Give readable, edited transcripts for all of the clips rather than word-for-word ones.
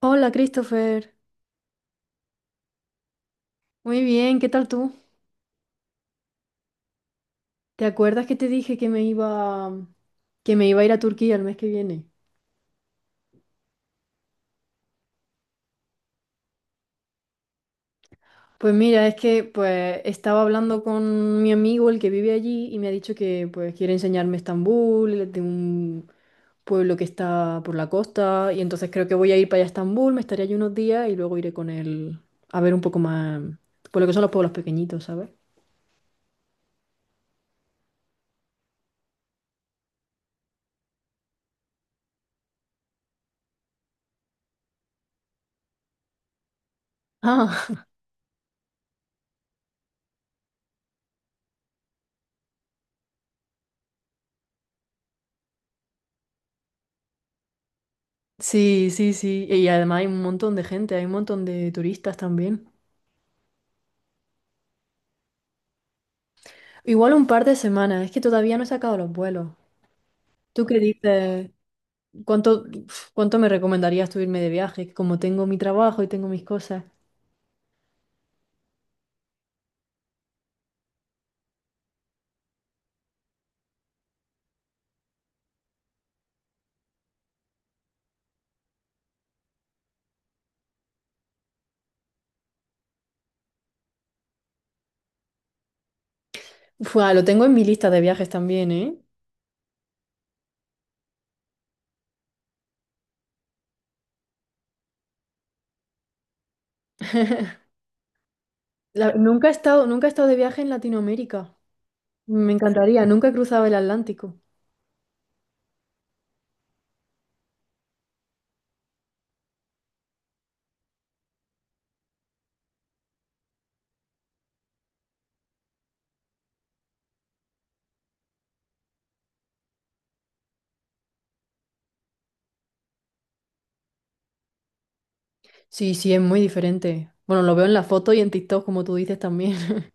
Hola, Christopher. Muy bien, ¿qué tal tú? ¿Te acuerdas que te dije que me iba a ir a Turquía el mes que viene? Pues mira, es que pues estaba hablando con mi amigo, el que vive allí, y me ha dicho que pues quiere enseñarme Estambul, de un pueblo que está por la costa, y entonces creo que voy a ir para allá a Estambul, me estaré allí unos días y luego iré con él a ver un poco más por lo que son los pueblos pequeñitos, ¿sabes? Ah, sí, sí, sí. Y además hay un montón de gente, hay un montón de turistas también. Igual un par de semanas, es que todavía no he sacado los vuelos. ¿Tú qué dices? ¿Cuánto, uf, cuánto me recomendarías tú irme de viaje? Como tengo mi trabajo y tengo mis cosas. Uf, ah, lo tengo en mi lista de viajes también, ¿eh? Nunca he estado, nunca he estado de viaje en Latinoamérica. Me encantaría, nunca he cruzado el Atlántico. Sí, sí, es muy diferente. Bueno, lo veo en la foto y en TikTok, como tú dices también.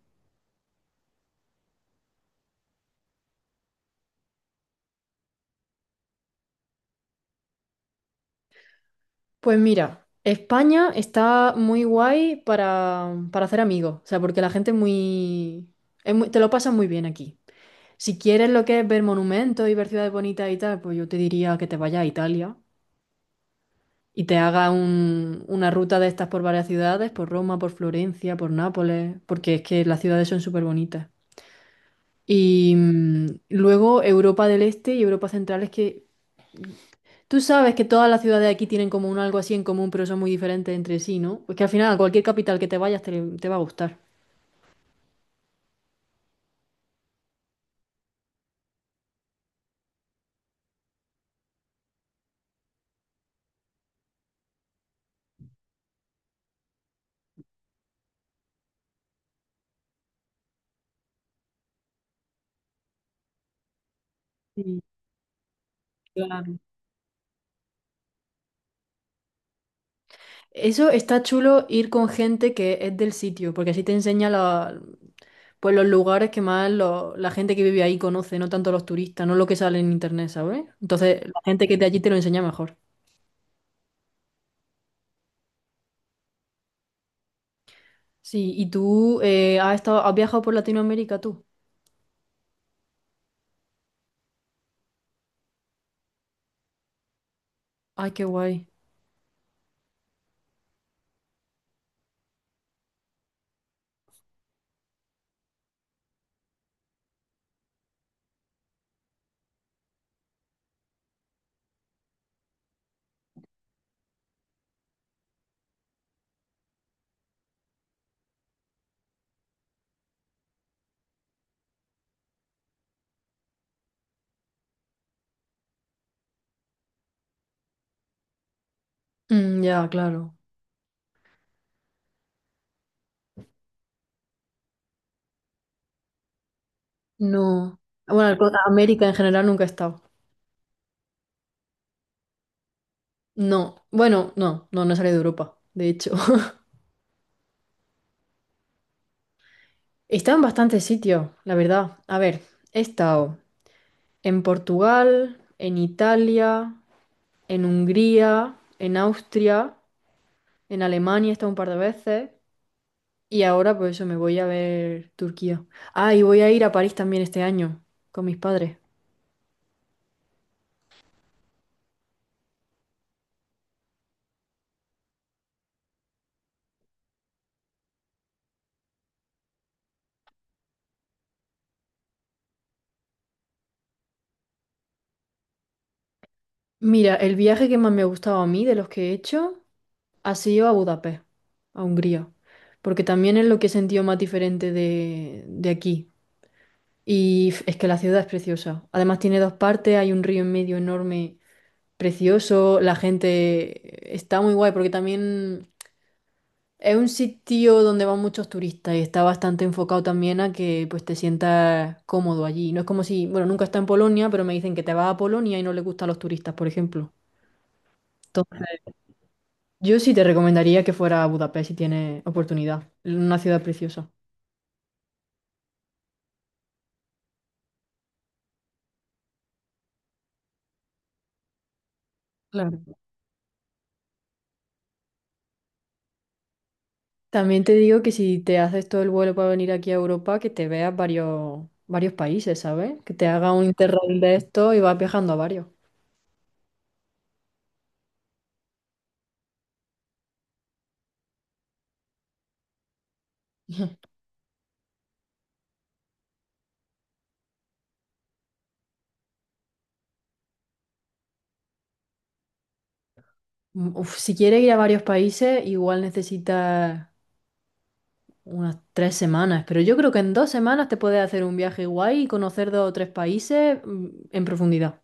Pues mira, España está muy guay para hacer amigos. O sea, porque la gente es muy, te lo pasan muy bien aquí. Si quieres lo que es ver monumentos y ver ciudades bonitas y tal, pues yo te diría que te vayas a Italia y te haga una ruta de estas por varias ciudades, por Roma, por Florencia, por Nápoles, porque es que las ciudades son súper bonitas. Luego Europa del Este y Europa Central es que tú sabes que todas las ciudades de aquí tienen como un algo así en común, pero son muy diferentes entre sí, ¿no? Pues que al final a cualquier capital que te vayas te va a gustar. Sí, claro. Eso está chulo ir con gente que es del sitio, porque así te enseña la pues los lugares que más la gente que vive ahí conoce, no tanto los turistas, no lo que sale en internet, ¿sabes? Entonces, la gente que de allí te lo enseña mejor. Sí, y tú has viajado por Latinoamérica tú. Ay, qué guay. Mm, ya, claro. No. Bueno, a América en general nunca he estado. No. Bueno, no, no, no he salido de Europa, de hecho. He estado en bastantes sitios, la verdad. A ver, he estado en Portugal, en Italia, en Hungría, en Austria. En Alemania he estado un par de veces y ahora pues eso me voy a ver Turquía. Ah, y voy a ir a París también este año con mis padres. Mira, el viaje que más me ha gustado a mí de los que he hecho ha sido a Budapest, a Hungría, porque también es lo que he sentido más diferente de aquí. Y es que la ciudad es preciosa. Además tiene dos partes, hay un río en medio enorme, precioso, la gente está muy guay porque también... Es un sitio donde van muchos turistas y está bastante enfocado también a que pues te sientas cómodo allí. No es como si, bueno, nunca está en Polonia, pero me dicen que te vas a Polonia y no le gusta a los turistas, por ejemplo. Entonces, yo sí te recomendaría que fuera a Budapest si tienes oportunidad. Una ciudad preciosa. Claro. También te digo que si te haces todo el vuelo para venir aquí a Europa, que te veas varios, varios países, ¿sabes? Que te haga un interrail de esto y vas viajando a varios. Uf, si quieres ir a varios países, igual necesitas unas 3 semanas, pero yo creo que en 2 semanas te puedes hacer un viaje guay y conocer dos o tres países en profundidad.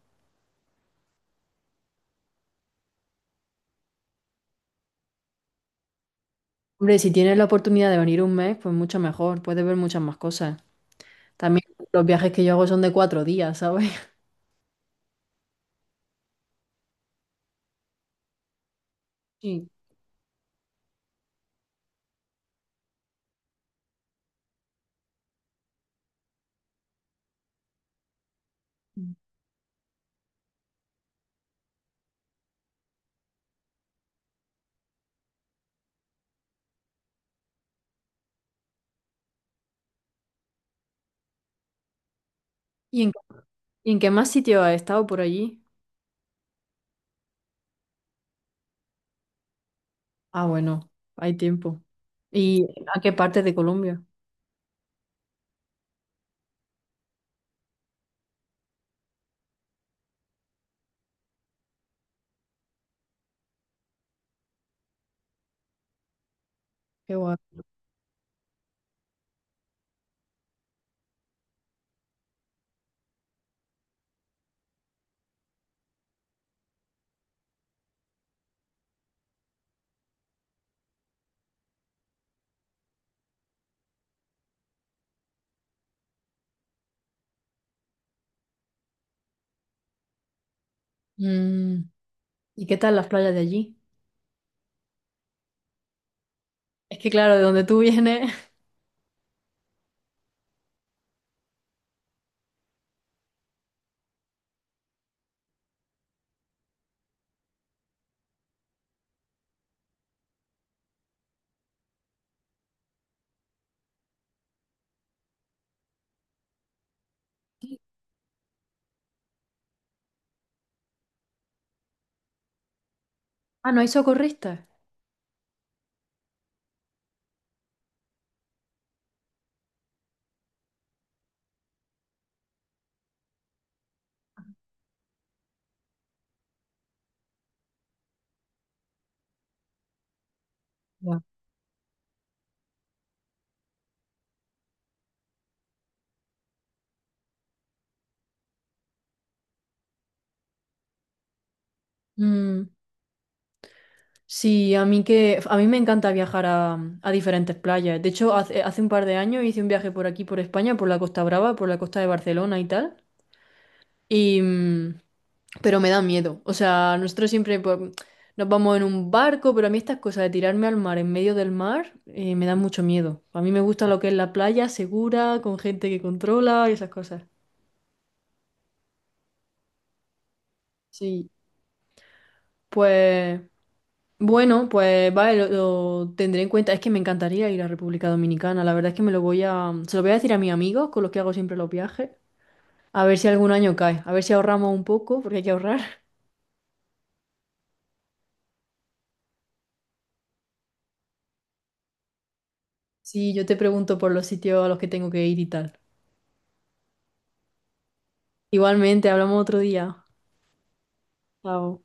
Hombre, si tienes la oportunidad de venir un mes, pues mucho mejor, puedes ver muchas más cosas. También los viajes que yo hago son de 4 días, ¿sabes? Sí. ¿Y en, y en qué más sitio has estado por allí? Ah, bueno, hay tiempo. ¿Y a qué parte de Colombia? Qué guay. Mm, ¿y qué tal las playas de allí? Es que claro, de donde tú vienes... Ah, ¿no hay socorristas? Ya. Mm, sí, a mí que a mí me encanta viajar a diferentes playas. De hecho, hace un par de años hice un viaje por aquí, por España, por la Costa Brava, por la costa de Barcelona y tal. Y mm, pero me da miedo. O sea, nosotros siempre pues, nos vamos en un barco, pero a mí estas cosas de tirarme al mar en medio del mar me dan mucho miedo. A mí me gusta lo que es la playa segura, con gente que controla y esas cosas. Sí. Pues bueno, pues vale, lo tendré en cuenta. Es que me encantaría ir a República Dominicana. La verdad es que me lo voy a, se lo voy a decir a mis amigos con los que hago siempre los viajes. A ver si algún año cae. A ver si ahorramos un poco, porque hay que ahorrar. Sí, yo te pregunto por los sitios a los que tengo que ir y tal. Igualmente, hablamos otro día. Chao.